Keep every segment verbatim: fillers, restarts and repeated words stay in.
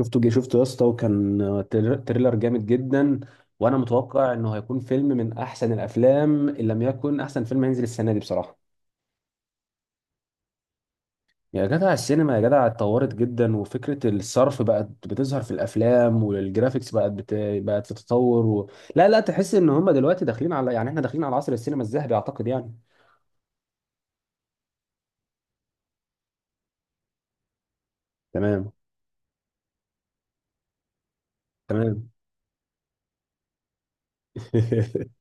شفته جه شفته يا اسطى، وكان تر- تريلر جامد جدا. وانا متوقع انه هيكون فيلم من احسن الافلام ان لم يكن احسن فيلم هينزل السنه دي بصراحه. يا جدع، السينما يا جدع اتطورت جدا، وفكره الصرف بقت بتظهر في الافلام، والجرافيكس بقت بت... بقت في تطور و... لا لا، تحس ان هم دلوقتي داخلين على يعني احنا داخلين على عصر السينما الذهبي، اعتقد يعني. تمام، تمام.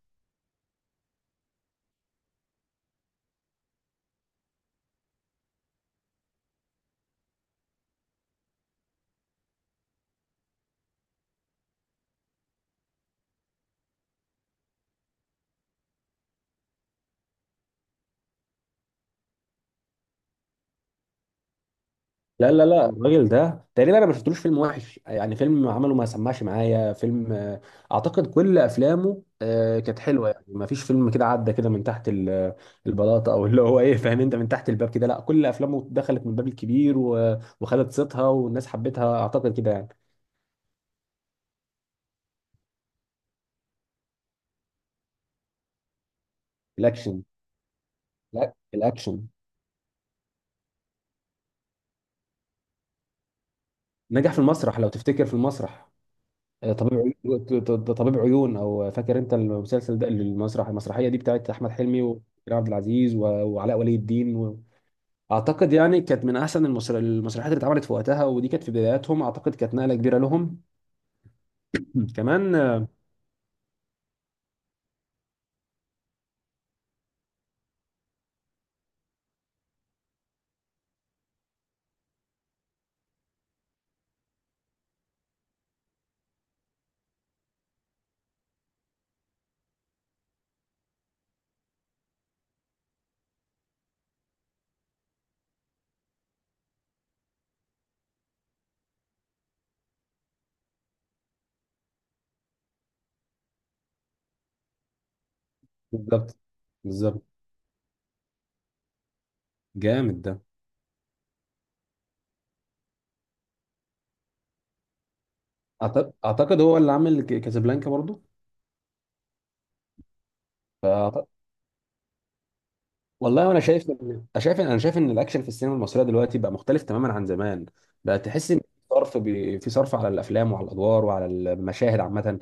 لا لا لا، الراجل ده تقريبا انا ما شفتلوش فيلم وحش يعني، فيلم عمله ما سمعش معايا فيلم. آه، اعتقد كل افلامه آه، كانت حلوه يعني، ما فيش فيلم كده عدى كده من تحت ال- البلاطه، او اللي هو ايه، فاهم انت، من تحت الباب كده. لا، كل افلامه دخلت من الباب الكبير و- وخدت صيتها والناس حبتها، اعتقد كده يعني. الاكشن لا، الاكشن. نجح في المسرح، لو تفتكر، في المسرح. آه، طبيب عيون، ط- ط- طبيب عيون، او فاكر انت المسلسل ده، المسرح، المسرحيه دي بتاعت احمد حلمي وكريم عبد العزيز و- وعلاء ولي الدين. اعتقد يعني كانت من احسن المسر- المسرحيات اللي اتعملت في وقتها، ودي كانت في بداياتهم، اعتقد كانت نقله كبيره لهم. كمان. آه، بالظبط، بالظبط، جامد ده. أعت- اعتقد هو اللي عامل ك- كازابلانكا برضو. فأعت- والله انا شايف ان أنا شايف انا شايف ان الاكشن في السينما المصريه دلوقتي بقى مختلف تماما عن زمان. بقى تحس ان في صرف بي... في صرف على الافلام وعلى الادوار وعلى المشاهد عامه.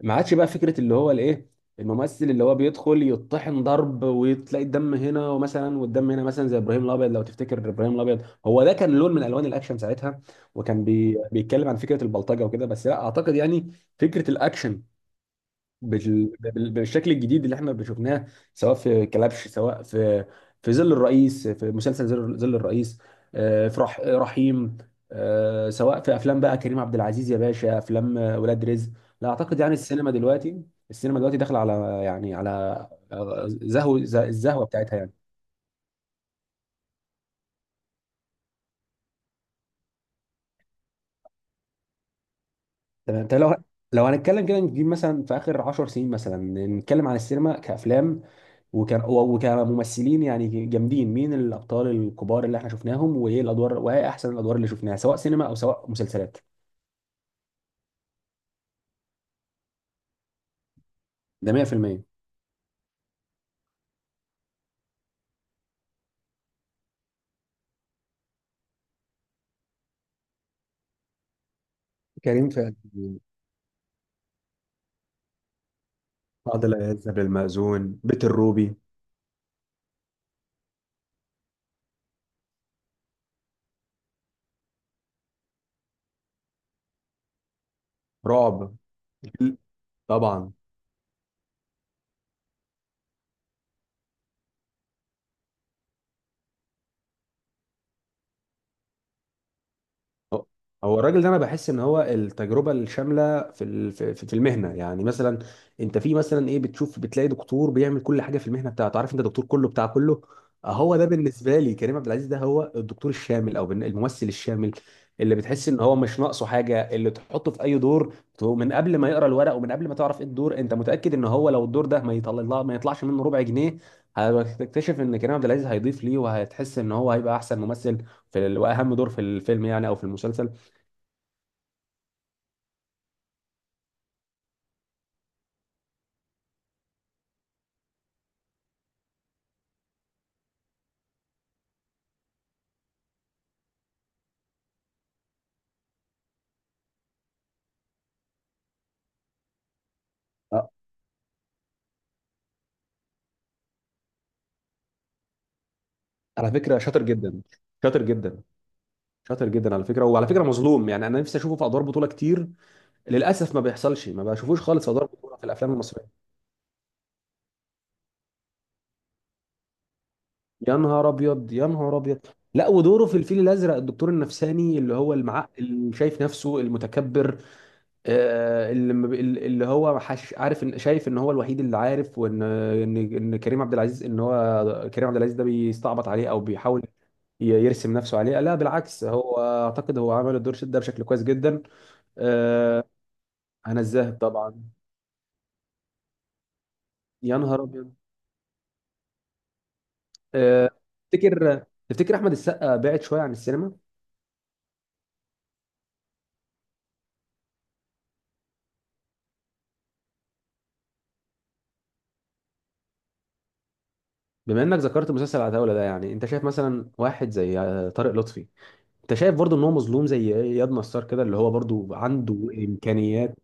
ما عادش بقى فكره اللي هو الايه، الممثل اللي هو بيدخل يطحن ضرب وتلاقي الدم هنا ومثلا والدم هنا مثلا، زي ابراهيم الابيض لو تفتكر. ابراهيم الابيض هو ده كان لون من الوان الاكشن ساعتها، وكان بي... بيتكلم عن فكره البلطجه وكده بس، لا اعتقد يعني. فكره الاكشن بال- بال- بالشكل الجديد اللي احنا شفناه، سواء في كلبش، سواء في في ظل الرئيس، في مسلسل ظل ظل الرئيس، آه، في رح رحيم، آه، سواء في افلام بقى كريم عبد العزيز يا باشا، افلام آه، ولاد رزق. لا اعتقد يعني، السينما دلوقتي، السينما دلوقتي داخله على يعني على آه، زهو ز- الزهوه بتاعتها يعني. تمام. طب لو لو هنتكلم كده، نجيب مثلا في اخر 10 سنين مثلا، نتكلم عن السينما كافلام وكان و- وكممثلين يعني جامدين. مين الابطال الكبار اللي احنا شفناهم، وايه الادوار، وايه احسن الادوار اللي شفناها، سواء سينما او سواء مسلسلات؟ ده مية في المية. كريم فؤاد، عادل عياض، زبير المأذون، بيت الروبي. رعب طبعا. هو هو الراجل ده انا بحس ان هو التجربه الشامله في ال- في في المهنه يعني. مثلا انت في مثلا ايه بتشوف، بتلاقي دكتور بيعمل كل حاجه في المهنه بتاعته، عارف انت، دكتور كله بتاع كله. هو ده بالنسبه لي كريم عبد العزيز، ده هو الدكتور الشامل او بالن- الممثل الشامل، اللي بتحس ان هو مش ناقصه حاجه، اللي تحطه في اي دور. تو- من قبل ما يقرا الورق ومن قبل ما تعرف ايه الدور، انت متاكد ان هو لو الدور ده ما يطلع ما يطلعش منه ربع جنيه، هتكتشف ان كريم عبد العزيز هيضيف ليه، وهتحس ان هو هيبقى احسن ممثل في ال... واهم دور في الفيلم يعني، او في المسلسل. آه، على فكره شاطر جدا، شاطر جدا، شاطر جدا، على فكره، وعلى فكره مظلوم يعني، انا نفسي اشوفه في ادوار بطوله كتير. للاسف ما بيحصلش، ما بشوفوش خالص في ادوار بطوله في الافلام المصريه. يا نهار ابيض، يا نهار ابيض. لا، ودوره في الفيل الازرق، الدكتور النفساني اللي هو المعقل، اللي شايف نفسه المتكبر، آه، اللي ما بي- اللي هو حش عارف ان، شايف ان هو الوحيد اللي عارف، وان ان ان كريم عبد العزيز، ان هو كريم عبد العزيز ده بيستعبط عليه او بيحاول ي- يرسم نفسه عليه. لا بالعكس، هو اعتقد هو عمل الدور شد ده بشكل كويس جدا. آه، هنا الزاهد طبعا. يا نهار ابيض. آه، تفتكر تفتكر احمد السقا بعد شويه عن السينما؟ بما انك ذكرت مسلسل عتاوله ده، يعني انت شايف مثلا واحد زي آه، طارق لطفي، انت شايف برضه ان هو مظلوم زي اياد نصار كده، اللي هو برضه عنده امكانيات،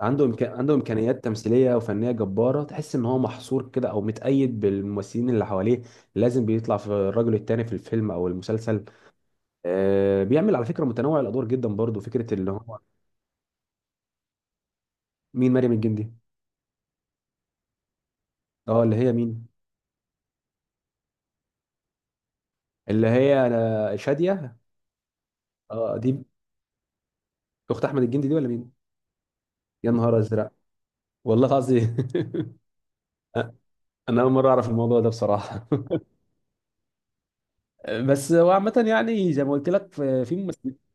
عنده إمكان... عنده امكانيات تمثيليه وفنيه جباره. تحس ان هو محصور كده، او متقيد بالممثلين اللي حواليه، لازم بيطلع في الرجل التاني في الفيلم او المسلسل. آه، بيعمل على فكره متنوع الادوار جدا برضو، فكره اللي هو. مين مريم الجندي؟ اه اللي هي مين؟ اللي هي انا شاديه؟ اه دي. اخت احمد الجندي دي ولا مين؟ يا نهار ازرق. والله العظيم. انا اول مره اعرف الموضوع ده بصراحه بس هو عامه يعني، زي ما قلت لك، في في ممثلين.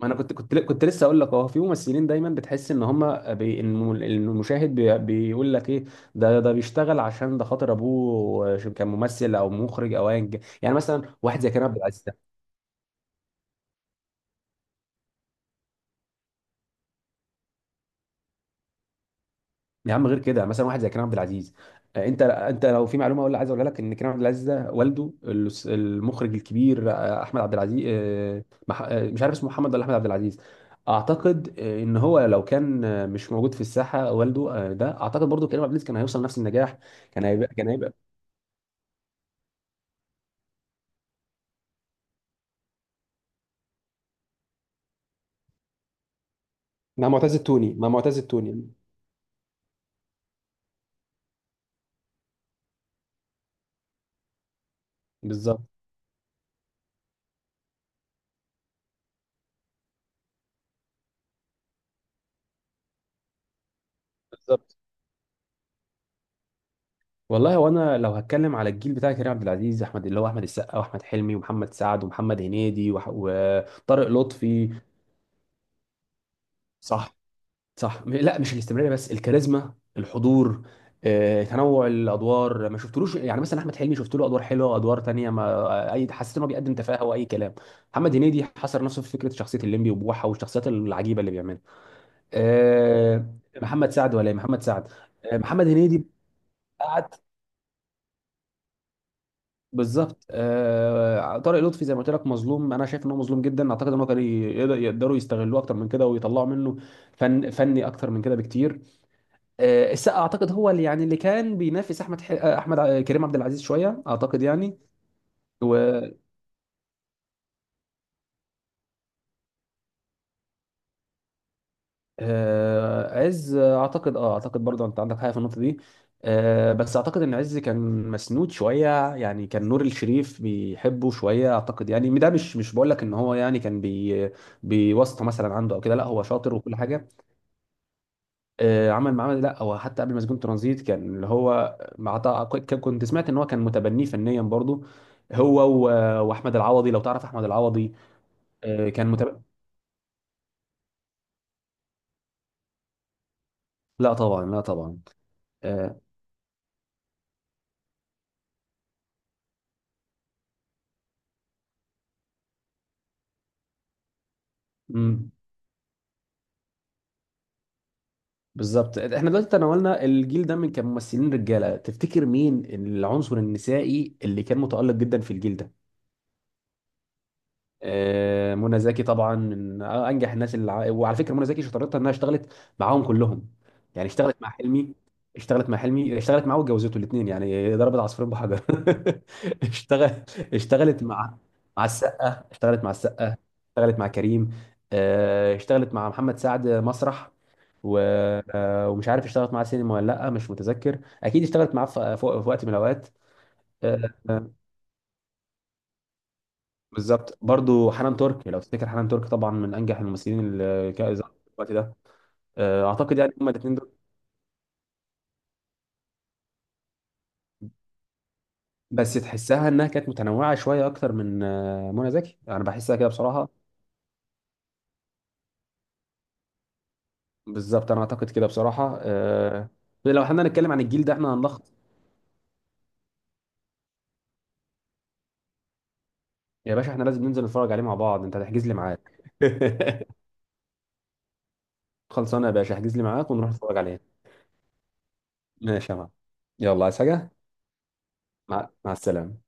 ما انا كنت كنت كنت لسه اقول لك، اه في ممثلين دايما بتحس ان هم بي... إن المشاهد بي... بيقول لك ايه، ده ده بيشتغل عشان ده خاطر ابوه كان ممثل او مخرج او ايا كان. يعني مثلا واحد زي كريم عبد العزيز. يا عم، غير كده، مثلا واحد زي كريم عبد العزيز. آه، انت انت لو في معلومه، اقول عايز اقولها لك، ان كريم عبد العزيز ده والده الس- المخرج الكبير، آه، احمد عبد العزيز، آه، مح- آه، مش عارف اسمه محمد ولا احمد عبد العزيز. اعتقد آه، ان هو لو كان آه، مش موجود في الساحه والده، آه، ده اعتقد برضو كريم عبد العزيز كان هيوصل نفس النجاح. كان هيبقى كان هيبقى. مع معتز التوني مع معتز التوني. بالظبط، بالظبط. والله، هو انا لو هتكلم على الجيل بتاع كريم عبد العزيز، احمد اللي هو احمد السقا واحمد حلمي ومحمد سعد ومحمد هنيدي وح- وطارق لطفي. صح، صح. م- لا مش الاستمراريه، بس الكاريزما، الحضور. آه، تنوع الادوار، ما شفتلوش يعني. مثلا احمد حلمي شفت له ادوار حلوه، ادوار تانية، ما اي حسيت انه بيقدم تفاهه واي كلام. محمد هنيدي حصر نفسه في فكره شخصيه الليمبي وبوحه والشخصيات العجيبه اللي بيعملها. آه، محمد سعد ولا إيه؟ محمد سعد. آه، محمد هنيدي قعد. بالظبط. آه، طارق لطفي زي ما قلت لك مظلوم، انا شايف ان هو مظلوم جدا. اعتقد ان هو كان ي- يقدروا يستغلوه اكتر من كده، ويطلعوا منه فن فني اكتر من كده بكتير. آه، السقا اعتقد هو اللي يعني، اللي كان بينافس احمد ح... آه، احمد ع- كريم عبد العزيز شويه، اعتقد يعني. وعز اعتقد، اه اعتقد برضه انت عندك حاجه في النقطه دي. آه، بس اعتقد ان عز كان مسنود شويه يعني، كان نور الشريف بيحبه شويه اعتقد يعني. ده مش، مش بقول لك ان هو يعني كان بي بيواسطه مثلا عنده او كده، لا هو شاطر وكل حاجه. آه، عمل معاه. لا هو حتى قبل مسجون ترانزيت كان اللي هو مع طه- ك- كنت سمعت ان هو كان متبنيه فنيا برضو. هو و- واحمد العوضي، لو تعرف احمد العوضي، آه، كان متبني. لا طبعا، لا طبعا. آه، مم، بالظبط. احنا دلوقتي تناولنا الجيل ده من كممثلين رجاله، تفتكر مين العنصر النسائي اللي كان متألق جدا في الجيل ده؟ آه، منى زكي طبعا، من انجح الناس اللي ع- وعلى فكره منى زكي شطارتها انها اشتغلت معاهم كلهم. يعني اشتغلت مع حلمي، اشتغلت مع حلمي اشتغلت معاه واتجوزته الاثنين يعني، ضربت عصفورين بحجر. اشتغل اشتغلت مع مع السقا، اشتغلت مع السقا اشتغلت مع كريم. آه، اشتغلت مع محمد سعد مسرح و... آه، ومش عارف اشتغلت معاه سينما ولا لا، مش متذكر. اكيد اشتغلت معاه في في- في وقت من الاوقات. آه، بالظبط، برضو حنان ترك، لو تفتكر حنان ترك طبعا من انجح الممثلين اللي كانوا ظهروا في الوقت ده. آه، اعتقد يعني هما الاثنين دول، بس تحسها انها كانت متنوعه شويه اكتر من آه، منى زكي، انا بحسها كده بصراحه. بالظبط، انا اعتقد كده بصراحه. آه، لو احنا نتكلم عن الجيل ده، احنا هنلخص. يا باشا احنا لازم ننزل نتفرج عليه مع بعض، انت هتحجز لي معاك. خلصانه يا باشا، احجز لي معاك ونروح نتفرج عليه. ماشي يا معلم. يلا، عايز حاجه؟ مع مع السلامه.